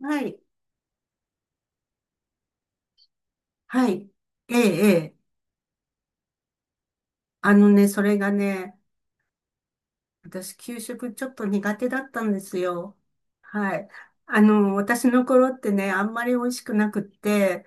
はい。はい。ええ。あのね、それがね、私、給食ちょっと苦手だったんですよ。はい。私の頃ってね、あんまり美味しくなくって、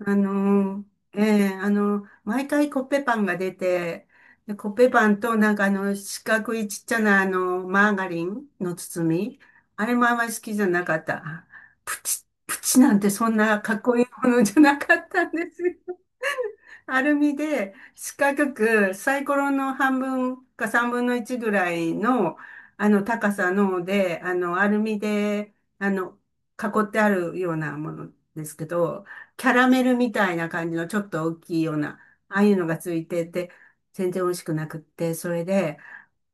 あの、毎回コッペパンが出て、でコッペパンと四角いちっちゃなマーガリンの包み。あれもあんまり好きじゃなかった。プチなんてそんなかっこいいものじゃなかったんですよ。アルミで、四角くサイコロの半分か三分の一ぐらいの、あの高さので、あのアルミで、あの、囲ってあるようなものですけど、キャラメルみたいな感じのちょっと大きいような、ああいうのがついてて、全然美味しくなくって、それで、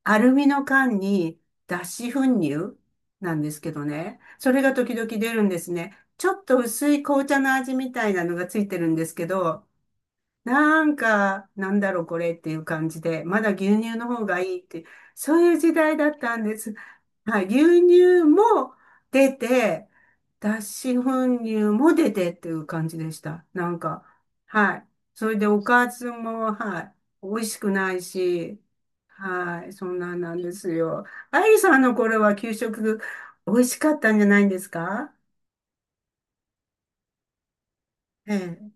アルミの缶に脱脂粉乳なんですけどね、それが時々出るんですね。ちょっと薄い紅茶の味みたいなのがついてるんですけど、なんか、なんだろうこれっていう感じで、まだ牛乳の方がいいって、そういう時代だったんです。はい、牛乳も出て、脱脂粉乳も出てっていう感じでした。なんか、はい。それでおかずも、はい、美味しくないし、はい、そんなんなんですよ。あゆさんの頃は給食美味しかったんじゃないんですか？ええ、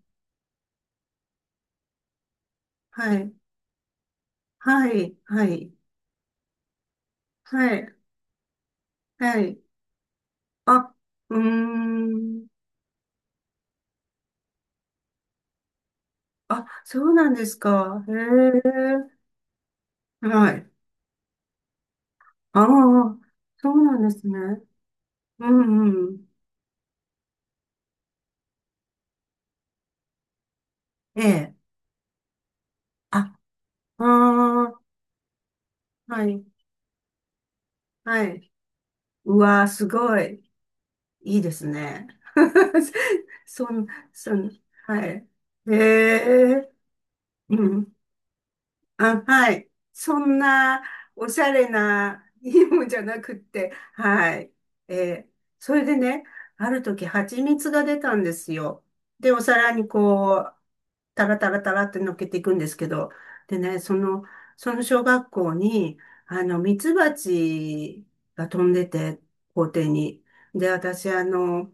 はい、はい、はい、はい、はい。あ、うーん。あ、そうなんですか？へえ。はい。ああ、そうなんですね。うんうん。ええ。あ、ああ、はい、はい。うわー、すごい。いいですね。そん、そん、はい。へえ。うん。あ、はい。そんなおしゃれないいもんじゃなくって、はい。えーそれでね、ある時蜂蜜が出たんですよ。で、お皿にこう、タラタラタラって乗っけていくんですけど、でね、その小学校に、あの、ミツバチが飛んでて、校庭に。で、私、あの、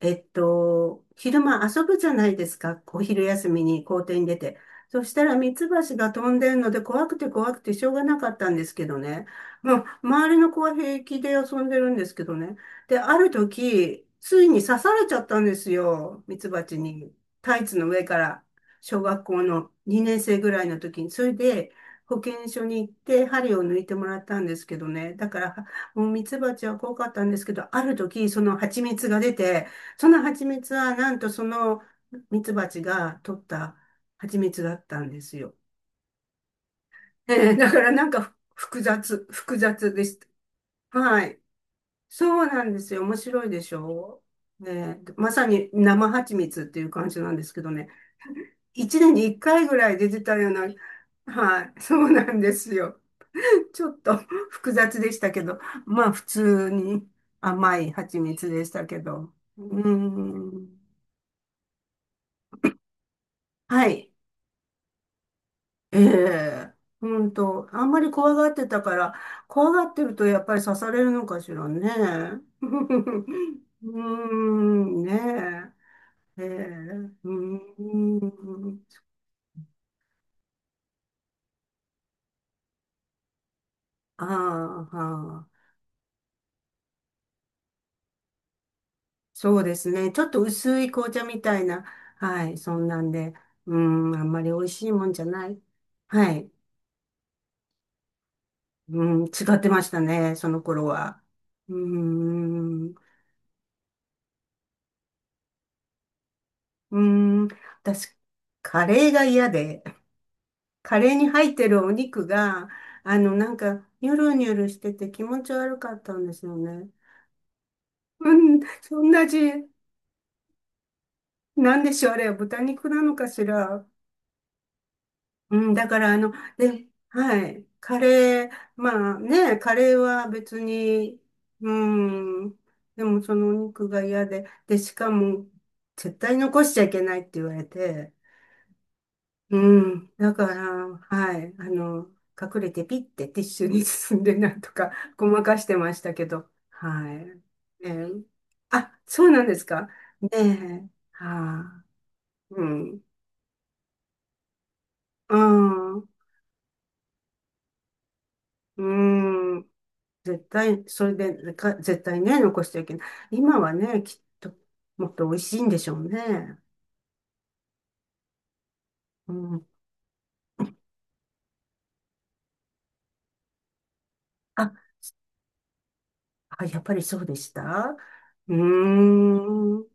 えっと、昼間遊ぶじゃないですか。お昼休みに校庭に出て。そしたらミツバチが飛んでるので怖くて怖くてしょうがなかったんですけどね。もう周りの子は平気で遊んでるんですけどね。で、ある時、ついに刺されちゃったんですよ。ミツバチに。タイツの上から。小学校の2年生ぐらいの時に。それで、保健所に行って針を抜いてもらったんですけどね。だから、もうミツバチは怖かったんですけど、ある時、その蜂蜜が出て、その蜂蜜は、なんとその蜜蜂が取った蜂蜜だったんですよ。ええ、だから、なんか複雑でした。はい。そうなんですよ。面白いでしょう。ええ、まさに生蜂蜜っていう感じなんですけどね。1年に1回ぐらい出てたような、はい。そうなんですよ。ちょっと 複雑でしたけど、まあ普通に甘い蜂蜜でしたけど。うん。はい。ええ、ほんと。あんまり怖がってたから、怖がってるとやっぱり刺されるのかしらね。うーん、ねえ。ええ、うーん。ああ、ああそうですね。ちょっと薄い紅茶みたいな。はい、そんなんで。うーん、あんまり美味しいもんじゃない。はい。うん、違ってましたね、その頃は。うーん、うーん、私、カレーが嫌で、カレーに入ってるお肉が、ニュルニュルしてて気持ち悪かったんですよね。うん、そんな味、なんでしょう、あれ、豚肉なのかしら。うん、だから、あの、で、はい、カレー、まあね、カレーは別に、うん、でもそのお肉が嫌で、で、しかも、絶対残しちゃいけないって言われて、うん。だから、はい。あの、隠れてピッてティッシュに包んでなんとか ごまかしてましたけど。はい。ええあ、そうなんですか？ねえ。はあ。うん。ああ。うん。絶対、それで、か、絶対ね、残してはいけない。今はね、きっと、もっと美味しいんでしょうね。うん。あ、あ、やっぱりそうでした。うーん。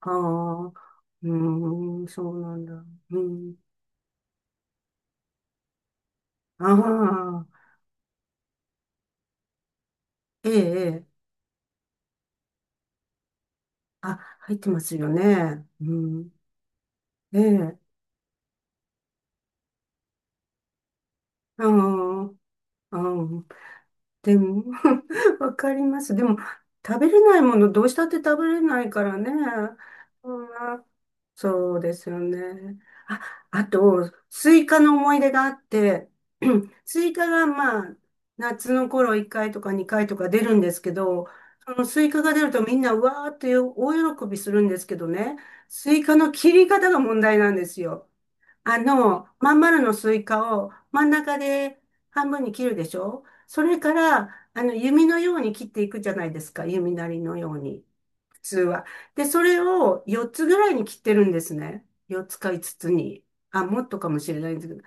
ああ、うーん、そうなんだ。うん。ああ、ええ、ええ。あ、入ってますよね。うん。ええ、ああ、ああ、でも、わかります。でも、食べれないもの、どうしたって食べれないからね。うんそうですよね。あ、あと、スイカの思い出があって、スイカがまあ、夏の頃1回とか2回とか出るんですけど、そのスイカが出るとみんなうわーって大喜びするんですけどね、スイカの切り方が問題なんですよ。あの、まん丸のスイカを真ん中で半分に切るでしょ？それから、あの、弓のように切っていくじゃないですか、弓なりのように。普通は。で、それを4つぐらいに切ってるんですね。4つか5つつに。あ、もっとかもしれないんですけど。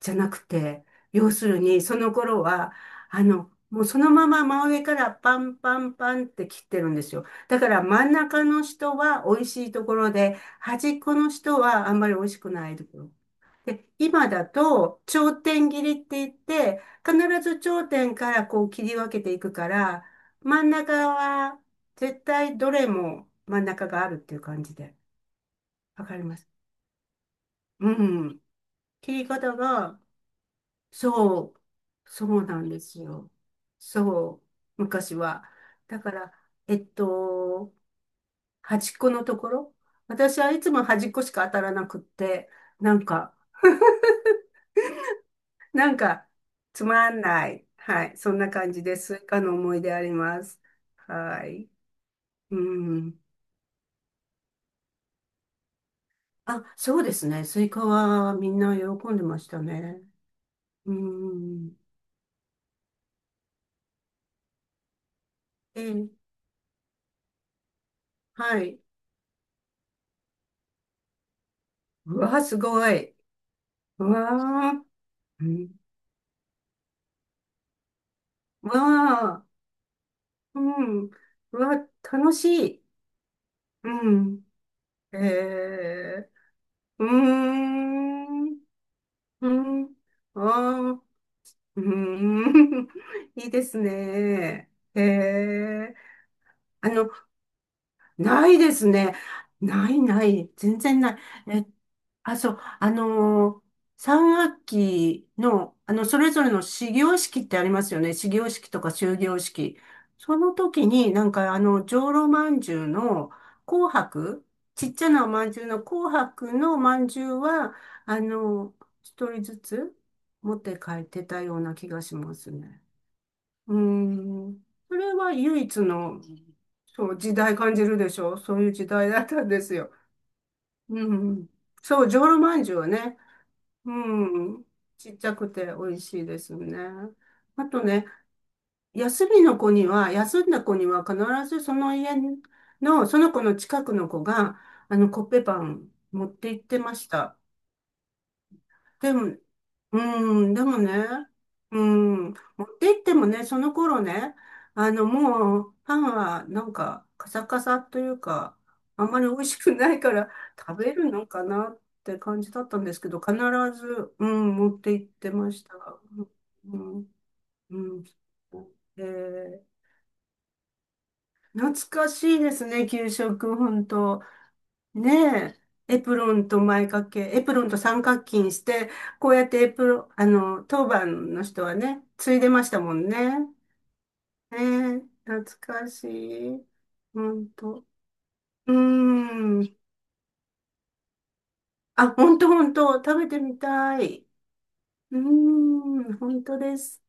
じゃなくて、要するに、その頃は、あの、もうそのまま真上からパンパンパンって切ってるんですよ。だから真ん中の人は美味しいところで、端っこの人はあんまり美味しくないところで、今だと、頂点切りって言って、必ず頂点からこう切り分けていくから、真ん中は絶対どれも真ん中があるっていう感じで。わかります。うん。切り方が、そう、そうなんですよ。そう、昔は。だから、えっと、端っこのところ。私はいつも端っこしか当たらなくって、なんか、なんか、つまんない。はい。そんな感じです。スイカの思い出あります。はい。うん。あ、そうですね。スイカはみんな喜んでましたね。うん。ええ、はい。うわ、すごい。うわー、うん。うわー、うん。うわ、楽しい。うん。ええ、うーん。うん。ああ。うーん、いいですね。へえ。あの、ないですね。ないない。全然ない。え、あ、そう、あのー、3学期の、あの、それぞれの始業式ってありますよね。始業式とか終業式。その時に、なんか、あの、上炉まんじゅうの紅白、ちっちゃなおまんじゅうの紅白のまんじゅうは、あの、一人ずつ持って帰ってたような気がしますね。うん。それは唯一の、そう、時代感じるでしょ？そういう時代だったんですよ。うん。そう、じょうろまんじゅうはね。うん。ちっちゃくて美味しいですよね。あとね、休みの子には、休んだ子には必ずその家の、その子の近くの子が、あの、コッペパン持って行ってました。でも、うん、でもね、うん、持って行ってもね、その頃ね、あの、もう、パンはなんか、カサカサというか、あんまり美味しくないから、食べるのかなって感じだったんですけど、必ず、うん、持って行ってました。うん、うん。うんえー懐かしいですね、給食、本当。ねえ、エプロンと前掛け、エプロンと三角巾して、こうやってエプロン、あの、当番の人はね、ついでましたもんね。ねえ、懐かしい。ほんと。うーん。あ、ほんとほんと、食べてみたい。うーん、ほんとです。